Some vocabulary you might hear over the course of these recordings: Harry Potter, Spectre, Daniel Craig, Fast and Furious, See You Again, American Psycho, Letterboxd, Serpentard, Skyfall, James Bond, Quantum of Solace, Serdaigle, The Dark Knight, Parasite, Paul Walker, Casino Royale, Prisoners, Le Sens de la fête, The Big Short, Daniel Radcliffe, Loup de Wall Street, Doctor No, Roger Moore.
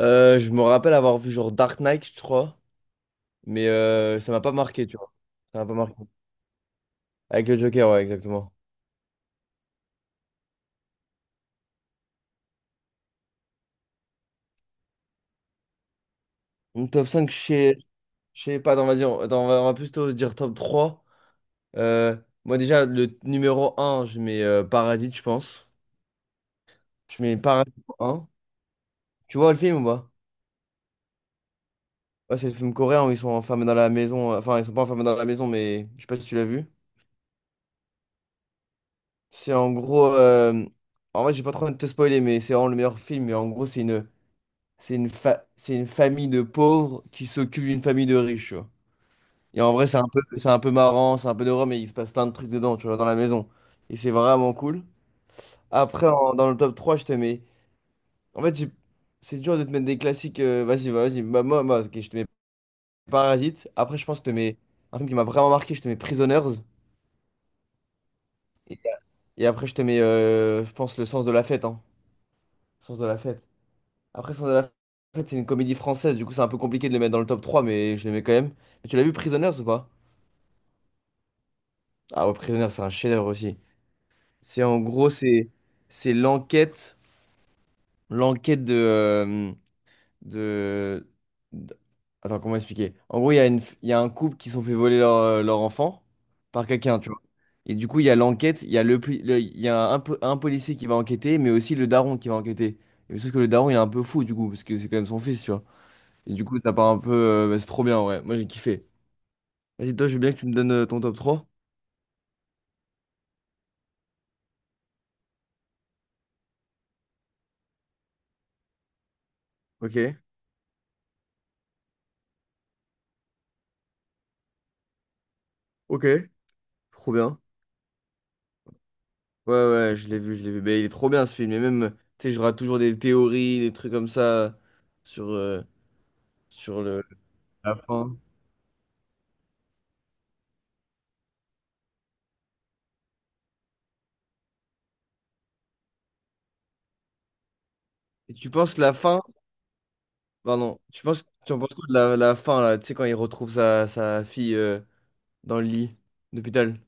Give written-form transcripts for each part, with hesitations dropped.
Je me rappelle avoir vu genre Dark Knight, je crois, mais ça m'a pas marqué, tu vois. Ça m'a pas marqué. Avec le Joker, ouais, exactement. Mon top cinq, je sais pas, attends, vas-y, attends, on va plutôt dire top trois. Euh, moi, déjà, le numéro un, je mets Parasite, je pense. Je mets Parasite un. Tu vois le film ou pas? Ouais, c'est le film coréen où ils sont enfermés dans la maison. Enfin, ils sont pas enfermés dans la maison, mais je sais pas si tu l'as vu. C'est en gros. En vrai, j'ai pas trop envie de te spoiler, mais c'est vraiment le meilleur film. Mais en gros, c'est une famille de pauvres qui s'occupe d'une famille de riches, tu vois. Et en vrai, c'est un peu marrant, c'est un peu drôle, mais il se passe plein de trucs dedans, tu vois, dans la maison. Et c'est vraiment cool. Après, dans le top trois, je te mets. En fait, c'est dur de te mettre des classiques. Vas-y. Bah, moi, ok, je te mets Parasite. Après, je pense que je te mets un film qui m'a vraiment marqué, je te mets Prisoners. Et et après, je te mets, je pense, Le Sens de la fête. Hein. Sens de la fête. Après, Sens de la fête, c'est une comédie française, du coup, c'est un peu compliqué de le mettre dans le top trois, mais je le mets quand même. Mais tu l'as vu Prisoners ou pas? Ah ouais, Prisoner, c'est un chef-d'œuvre aussi. C'est en gros, c'est l'enquête de, d- attends, comment expliquer? En gros, il y a il y a un couple qui se sont fait voler leur enfant par quelqu'un, tu vois. Et du coup, il y a l'enquête, il y a il y a un policier qui va enquêter, mais aussi le daron qui va enquêter. Et sauf que le daron, il est un peu fou, du coup, parce que c'est quand même son fils, tu vois. Et du coup, ça part un peu... Bah, c'est trop bien, ouais. Moi, j'ai kiffé. Vas-y, toi, je veux bien que tu me donnes ton top trois. Ok. Ok. Trop bien. Ouais, ouais, je l'ai vu, je l'ai vu. Mais il est trop bien, ce film. Et même, tu sais, j'aurai toujours des théories, des trucs comme ça sur, euh, sur la fin. Et tu en penses quoi de la fin, là, tu sais, quand il retrouve sa fille dans le lit d'hôpital?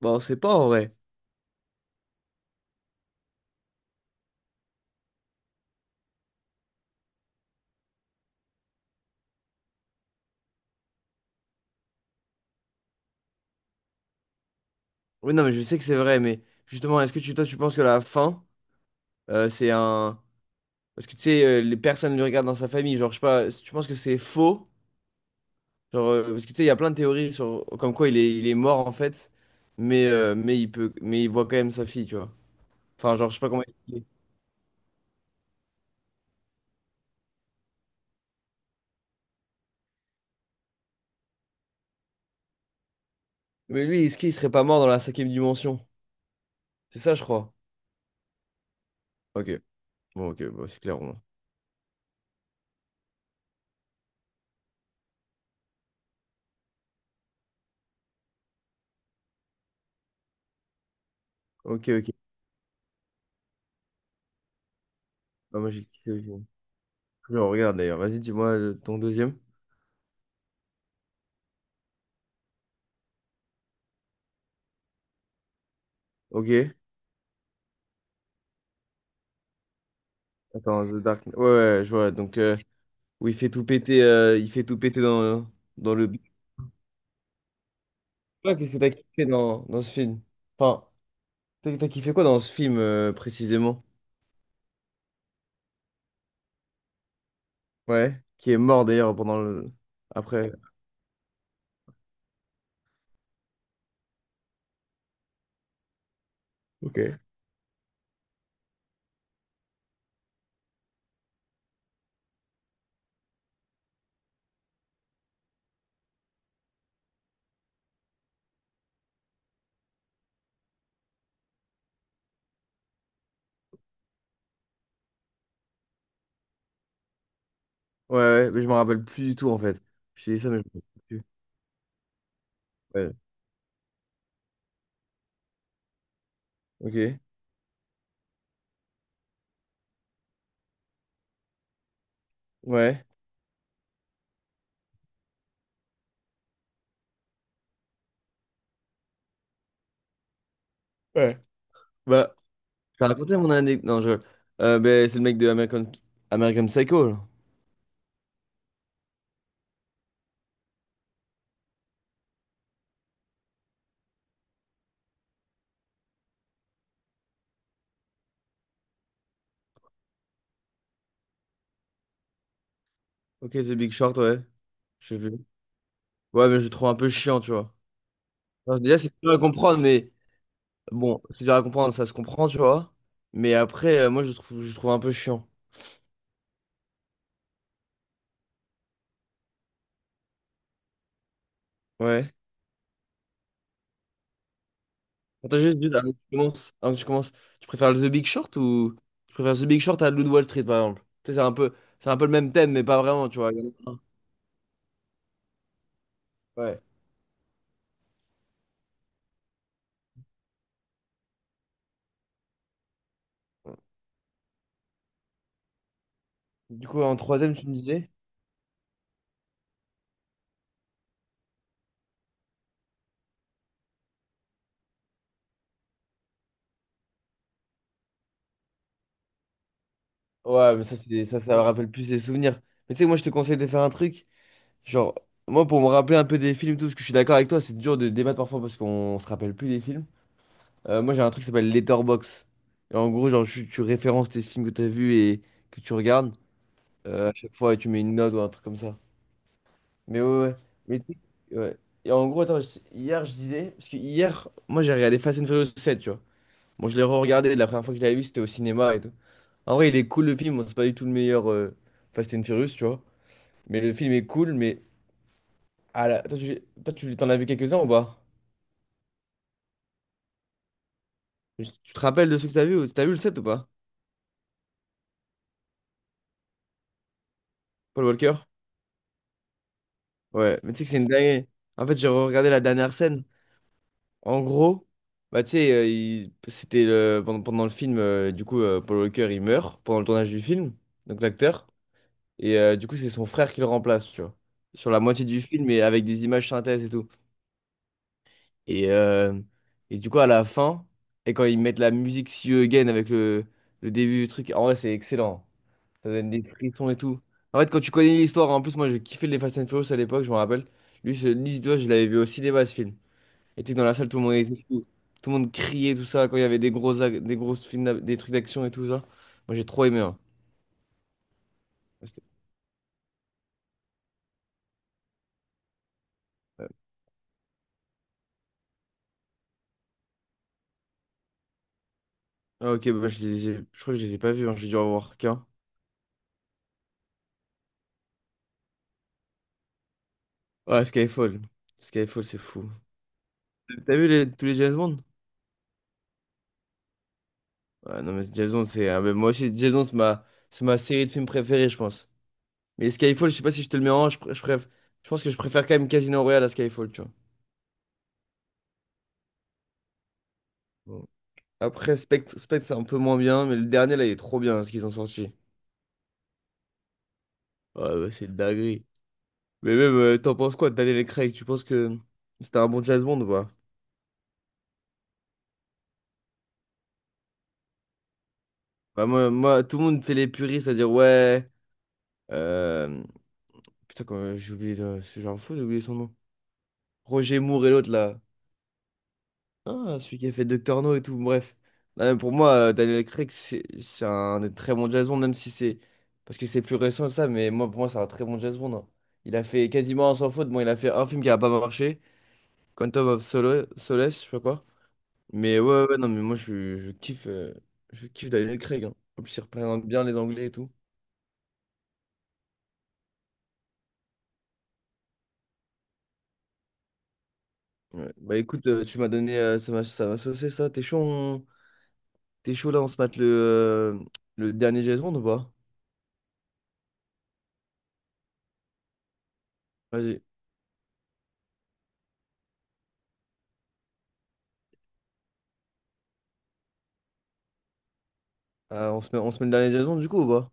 Bon, c'est pas en vrai. Oui, non, mais je sais que c'est vrai, mais justement, est-ce que toi, tu penses que la fin, c'est un... Parce que tu sais, les personnes le regardent dans sa famille, genre, je sais pas, tu penses que c'est faux? Genre, parce que tu sais, il y a plein de théories sur comme quoi il est mort en fait, mais il voit quand même sa fille, tu vois. Enfin, genre, je sais pas comment expliquer. Mais lui, est-ce qu'il serait pas mort dans la cinquième dimension? C'est ça, je crois. Ok, ok, bon, c'est clair, au moins. Ok, ok. Ah, moi, j'ai kiffé aussi. Je le regarde d'ailleurs. Vas-y, dis-moi ton deuxième. Ok. Attends, The Dark Knight. Ouais, ouais, je vois. Donc, où il fait tout péter, il fait tout péter dans le... Toi, qu'est-ce que t'as kiffé dans ce film? Enfin, t'as kiffé quoi dans ce film, précisément? Ouais, qui est mort d'ailleurs pendant le... Après. Ok. Ouais, ouais, mais je me rappelle plus du tout en fait. Je t'ai dit ça, mais je me rappelle plus. Ouais. Ok. Ouais. Ouais. Bah, t'as raconté mon anecdote. Non, je... Ben, c'est le mec de American Psycho, là. Ok, The Big Short, ouais. J'ai vu. Ouais, mais je le trouve un peu chiant, tu vois. Enfin, déjà, c'est dur à comprendre, mais bon, c'est dur à comprendre, ça se comprend, tu vois. Mais après, moi, je le trouve un peu chiant. Ouais. On t'a juste dit, là, avant que tu commences, tu préfères le The Big Short ou tu préfères The Big Short à Loup de Wall Street, par exemple? Tu sais, c'est un peu le même thème, mais pas vraiment, tu vois. Ouais. Du coup, en troisième, tu me disais? Ouais, mais ça, ça me rappelle plus des souvenirs. Mais tu sais, moi, je te conseille de faire un truc. Genre, moi, pour me rappeler un peu des films et tout, parce que je suis d'accord avec toi, c'est dur de débattre parfois parce qu'on se rappelle plus des films. Moi, j'ai un truc qui s'appelle Letterboxd. Et en gros, genre, tu références tes films que tu as vus et que tu regardes à chaque fois, et tu mets une note ou un truc comme ça. Mais ouais, ouais. Mais ouais. Et en gros, attends, hier, je disais, parce que hier, moi, j'ai regardé Fast and Furious 7, tu vois. Bon, je l'ai re-regardé, la première fois que je l'avais vu, c'était au cinéma et tout. En vrai, il est cool, le film, bon, c'est pas du tout le meilleur Fast and Furious, tu vois. Mais le film est cool, mais... Ah là, toi, t'en as vu quelques-uns ou pas? Tu te rappelles de ceux que t'as vu? T'as vu le 7 ou pas? Paul Walker? Ouais, mais tu sais que c'est une dinguerie. En fait, j'ai re-regardé la dernière scène. En gros, bah, tu sais, pendant le film, du coup, Paul Walker, il meurt pendant le tournage du film, donc l'acteur. Et du coup, c'est son frère qui le remplace, tu vois. Sur la moitié du film et avec des images synthèses et tout. Et, euh, et du coup, à la fin, et quand ils mettent la musique See You Again avec le début du truc, en vrai, c'est excellent. Ça donne des frissons et tout. En fait, quand tu connais l'histoire, en plus, moi, je kiffais les Fast and Furious à l'époque, je me rappelle. Lui, lui, tu vois, je l'avais vu au cinéma, ce film était dans la salle, tout le monde était fou. Tout le monde criait, tout ça, quand il y avait des des grosses films, des trucs d'action et tout ça. Moi, j'ai trop aimé, hein. C'était- euh, Ah, ok, bah, je crois que je les ai pas vus, hein. J'ai dû en voir qu'un. Ouais, Skyfall. Skyfall, c'est fou. T'as vu tous les James Bond? Ouais, non, mais James Bond, c'est... ah, mais moi aussi, James Bond, c'est ma série de films préférée, je pense. Mais Skyfall, je sais pas si je te le mets en... je pense que je préfère quand même Casino Royale à Skyfall, tu vois. Bon. Après, Spectre, Spectre, c'est un peu moins bien, mais le dernier, là, il est trop bien, ce qu'ils ont sorti. Ouais, bah, c'est de dinguerie. Mais même, t'en penses quoi de Daniel Craig? Tu penses que c'était un bon James Bond ou pas? Bah, moi, tout le monde fait les puristes, c'est-à-dire, ouais. euh, Putain, quand j'ai oublié, de... j'en fous, j'ai oublié son nom. Roger Moore et l'autre, là. Ah, celui qui a fait Doctor No et tout, bref. Là, pour moi, Daniel Craig, c'est un des très bon James Bond, même si c'est... Parce que c'est plus récent, ça, mais moi, pour moi, c'est un très bon James Bond, hein. Il a fait quasiment un sans faute. Bon, il a fait un film qui a pas marché, Quantum of Solace, je sais pas quoi. Mais ouais, ouais, ouais, non, mais moi, je kiffe Daniel Craig, hein. En plus, il représente bien les Anglais et tout. Ouais. Bah écoute, tu m'as donné, ça m'a saucé, ça. T'es chaud, t'es chaud là, on se mate le dernier Jason ou pas? Vas-y. Ah, on se met le dernier Jason du coup ou pas?